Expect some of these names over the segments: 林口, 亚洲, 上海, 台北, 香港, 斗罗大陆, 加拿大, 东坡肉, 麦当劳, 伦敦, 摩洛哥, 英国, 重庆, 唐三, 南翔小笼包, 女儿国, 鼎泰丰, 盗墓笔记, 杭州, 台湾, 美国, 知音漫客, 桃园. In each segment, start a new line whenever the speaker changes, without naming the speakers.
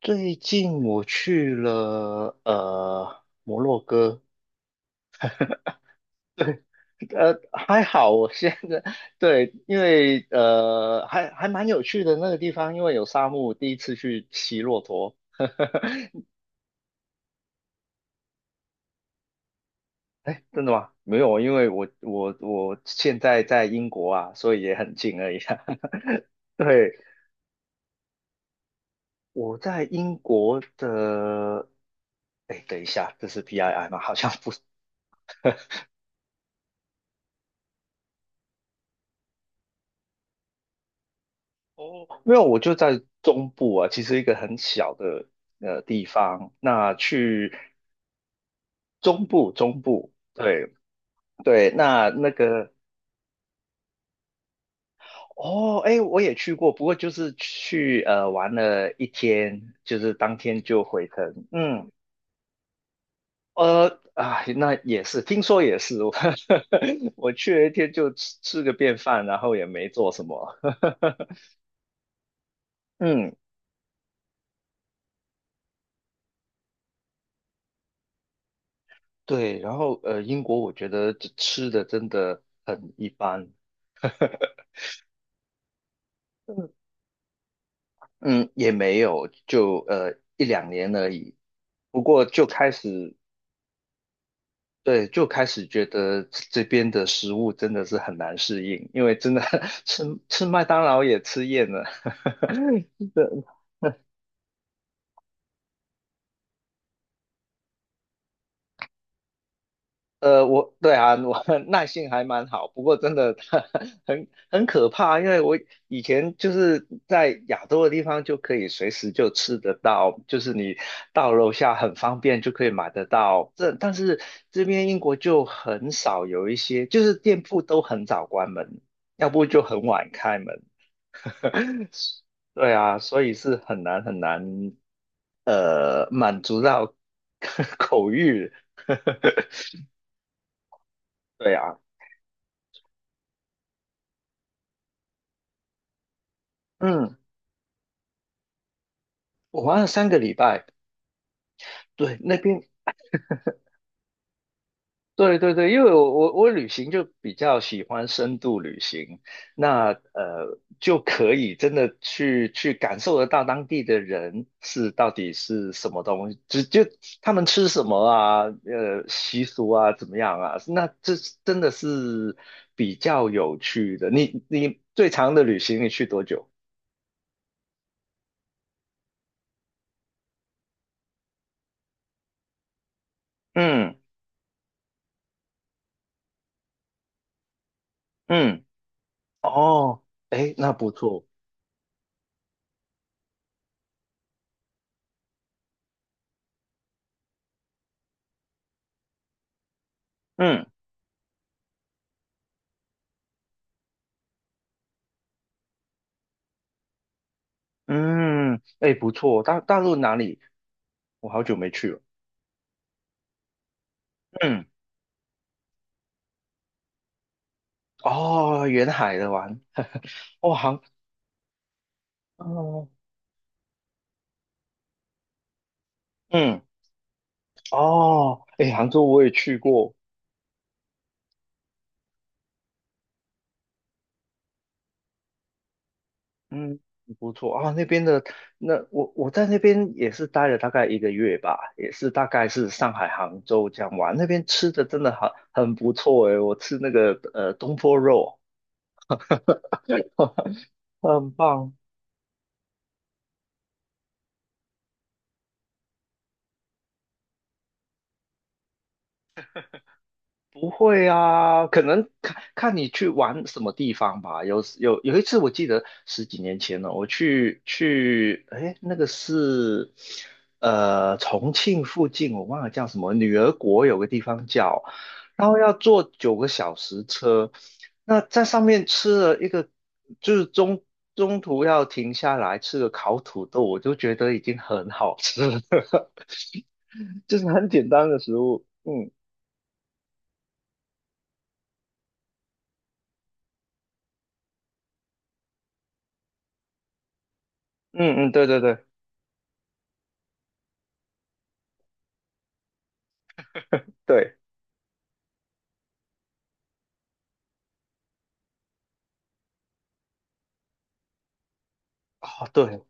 最近我去了摩洛哥，还好，我现在 对。因为还蛮有趣的那个地方，因为有沙漠，第一次去骑骆驼。真的吗？没有啊，因为我现在在英国啊，所以也很近而已啊。对，我在英国的。哎，等一下，这是 PII 吗？好像不是。哦，没有，我就在中部啊，其实一个很小的地方。那去中部，中部，对对。那个哦，哎，我也去过，不过就是去玩了一天，就是当天就回程。嗯。啊，那也是，听说也是，我去了一天就吃个便饭，然后也没做什么。嗯。对，然后英国我觉得吃的真的很一般。嗯，也没有，就一两年而已。不过就开始。对，就开始觉得这边的食物真的是很难适应，因为真的 吃吃麦当劳也吃厌了，我对啊，我 耐性还蛮好，不过真的 很可怕，因为我以前就是在亚洲的地方就可以随时就吃得到，就是你到楼下很方便就可以买得到。这但是这边英国就很少有一些，就是店铺都很早关门，要不就很晚开门。对啊，所以是很难很难，满足到 口欲。对啊。嗯。我玩了3个礼拜，对，那边。对对对，因为我旅行就比较喜欢深度旅行，那就可以真的去感受得到当地的人是到底是什么东西，只就他们吃什么啊，习俗啊怎么样啊，那这真的是比较有趣的。你最长的旅行你去多久？嗯嗯，哦，哎，那不错，嗯。嗯，哎，不错，大陆哪里？我好久没去了。嗯。哦，沿海的玩，哦，杭，哦。嗯。哦，哎，杭州我也去过。嗯。不错啊，那边的，那我在那边也是待了大概一个月吧，也是大概是上海、杭州这样玩，那边吃的真的很不错诶，我吃那个东坡肉，很棒。不会啊，可能看看你去玩什么地方吧。有一次，我记得10几年前了，我去，哎，那个是重庆附近，我忘了叫什么，女儿国有个地方叫，然后要坐9个小时车，那在上面吃了一个，就是中途要停下来吃个烤土豆，我就觉得已经很好吃了，就是很简单的食物。嗯嗯嗯，对对对对。哦，对，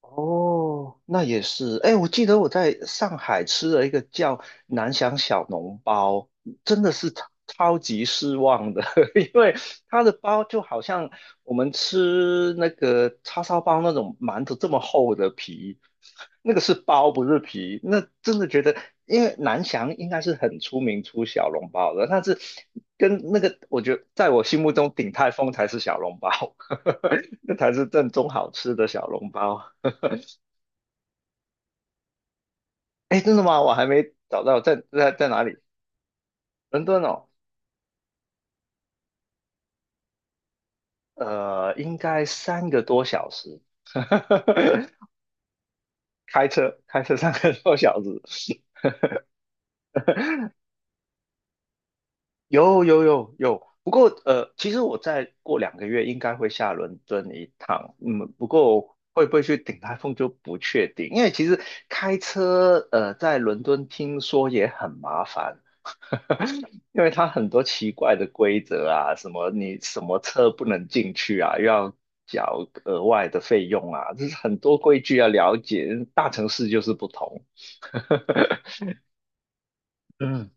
哦，那也是。哎，我记得我在上海吃了一个叫南翔小笼包，真的是超级失望的，因为它的包就好像我们吃那个叉烧包那种馒头这么厚的皮，那个是包不是皮。那真的觉得，因为南翔应该是很出名出小笼包的。但是跟那个，我觉得在我心目中鼎泰丰才是小笼包，那才是正宗好吃的小笼包。哎，真的吗？我还没找到，在哪里？伦敦哦。应该三个多小时，开车3个多小时。有，不过其实我再过2个月应该会下伦敦一趟。嗯，不过会不会去顶台风就不确定，因为其实开车在伦敦听说也很麻烦，因为它很多奇怪的规则啊，什么你什么车不能进去啊，又要缴额外的费用啊，这是很多规矩要了解。大城市就是不同。嗯，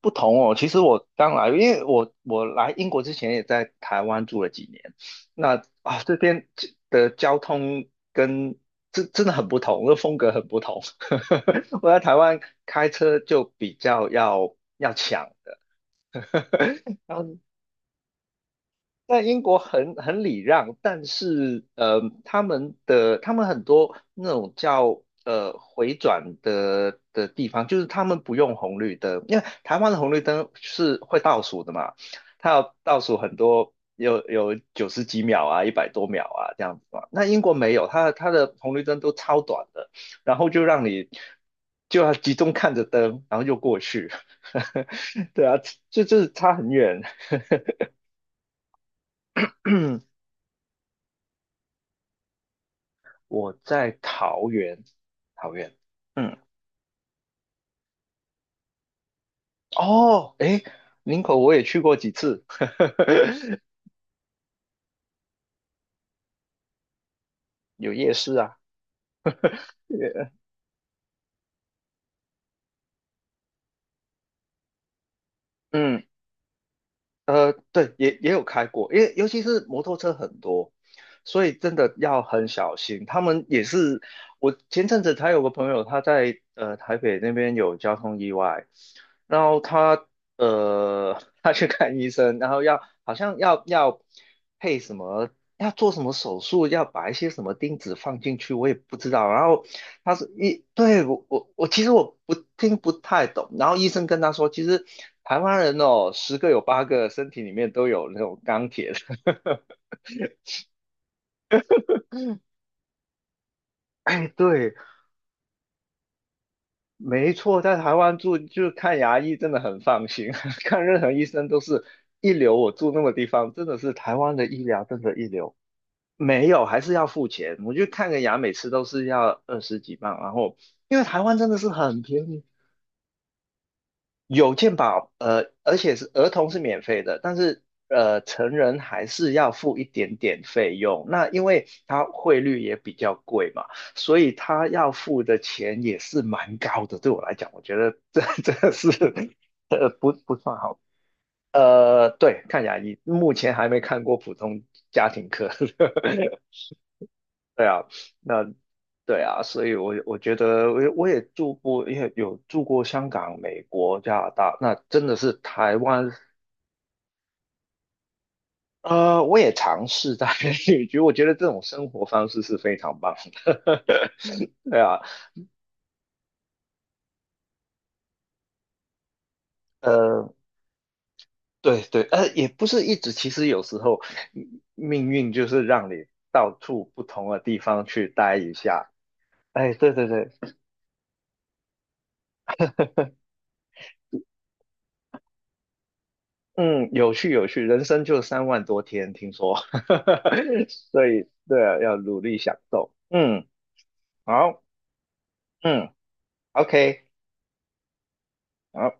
不同哦。其实我刚来，因为我来英国之前也在台湾住了几年。那啊这边的交通跟真的很不同，这风格很不同。我在台湾开车就比较要抢。的。然后。在英国很礼让。但是他们很多那种叫回转的地方，就是他们不用红绿灯，因为台湾的红绿灯是会倒数的嘛，它要倒数很多，有90几秒啊，100多秒啊这样子嘛。那英国没有，它的红绿灯都超短的，然后就让你就要集中看着灯，然后就过去。对啊，就是差很远。我在桃园。桃园。嗯。哦，诶，林口我也去过几次。有夜市啊。嗯。对，也有开过，因为尤其是摩托车很多，所以真的要很小心。他们也是。我前阵子才有个朋友，他在台北那边有交通意外，然后他去看医生，然后要好像要配什么，要做什么手术，要把一些什么钉子放进去，我也不知道。然后他是医。对，我其实我不听不太懂。然后医生跟他说，其实台湾人哦，10个有8个身体里面都有那种钢铁的。嗯。哎，对，没错，在台湾住就是看牙医真的很放心，看任何医生都是一流。我住那个地方，真的是台湾的医疗真的一流。没有，还是要付钱。我去看个牙，每次都是要20几磅，然后因为台湾真的是很便宜。有健保，而且是儿童是免费的，但是成人还是要付一点点费用。那因为它汇率也比较贵嘛，所以他要付的钱也是蛮高的。对我来讲，我觉得这 这个是不算好。对，看牙医，目前还没看过普通家庭科。对啊。那对啊，所以我觉得我也住过，也有住过香港、美国、加拿大，那真的是台湾。我也尝试在 旅居，我觉得这种生活方式是非常棒的。对啊。呃，对对。也不是一直，其实有时候命运就是让你到处不同的地方去待一下。哎，对对对。嗯，有趣有趣，人生就3万多天，听说。所以对啊，要努力享受。嗯。好。嗯。OK。好。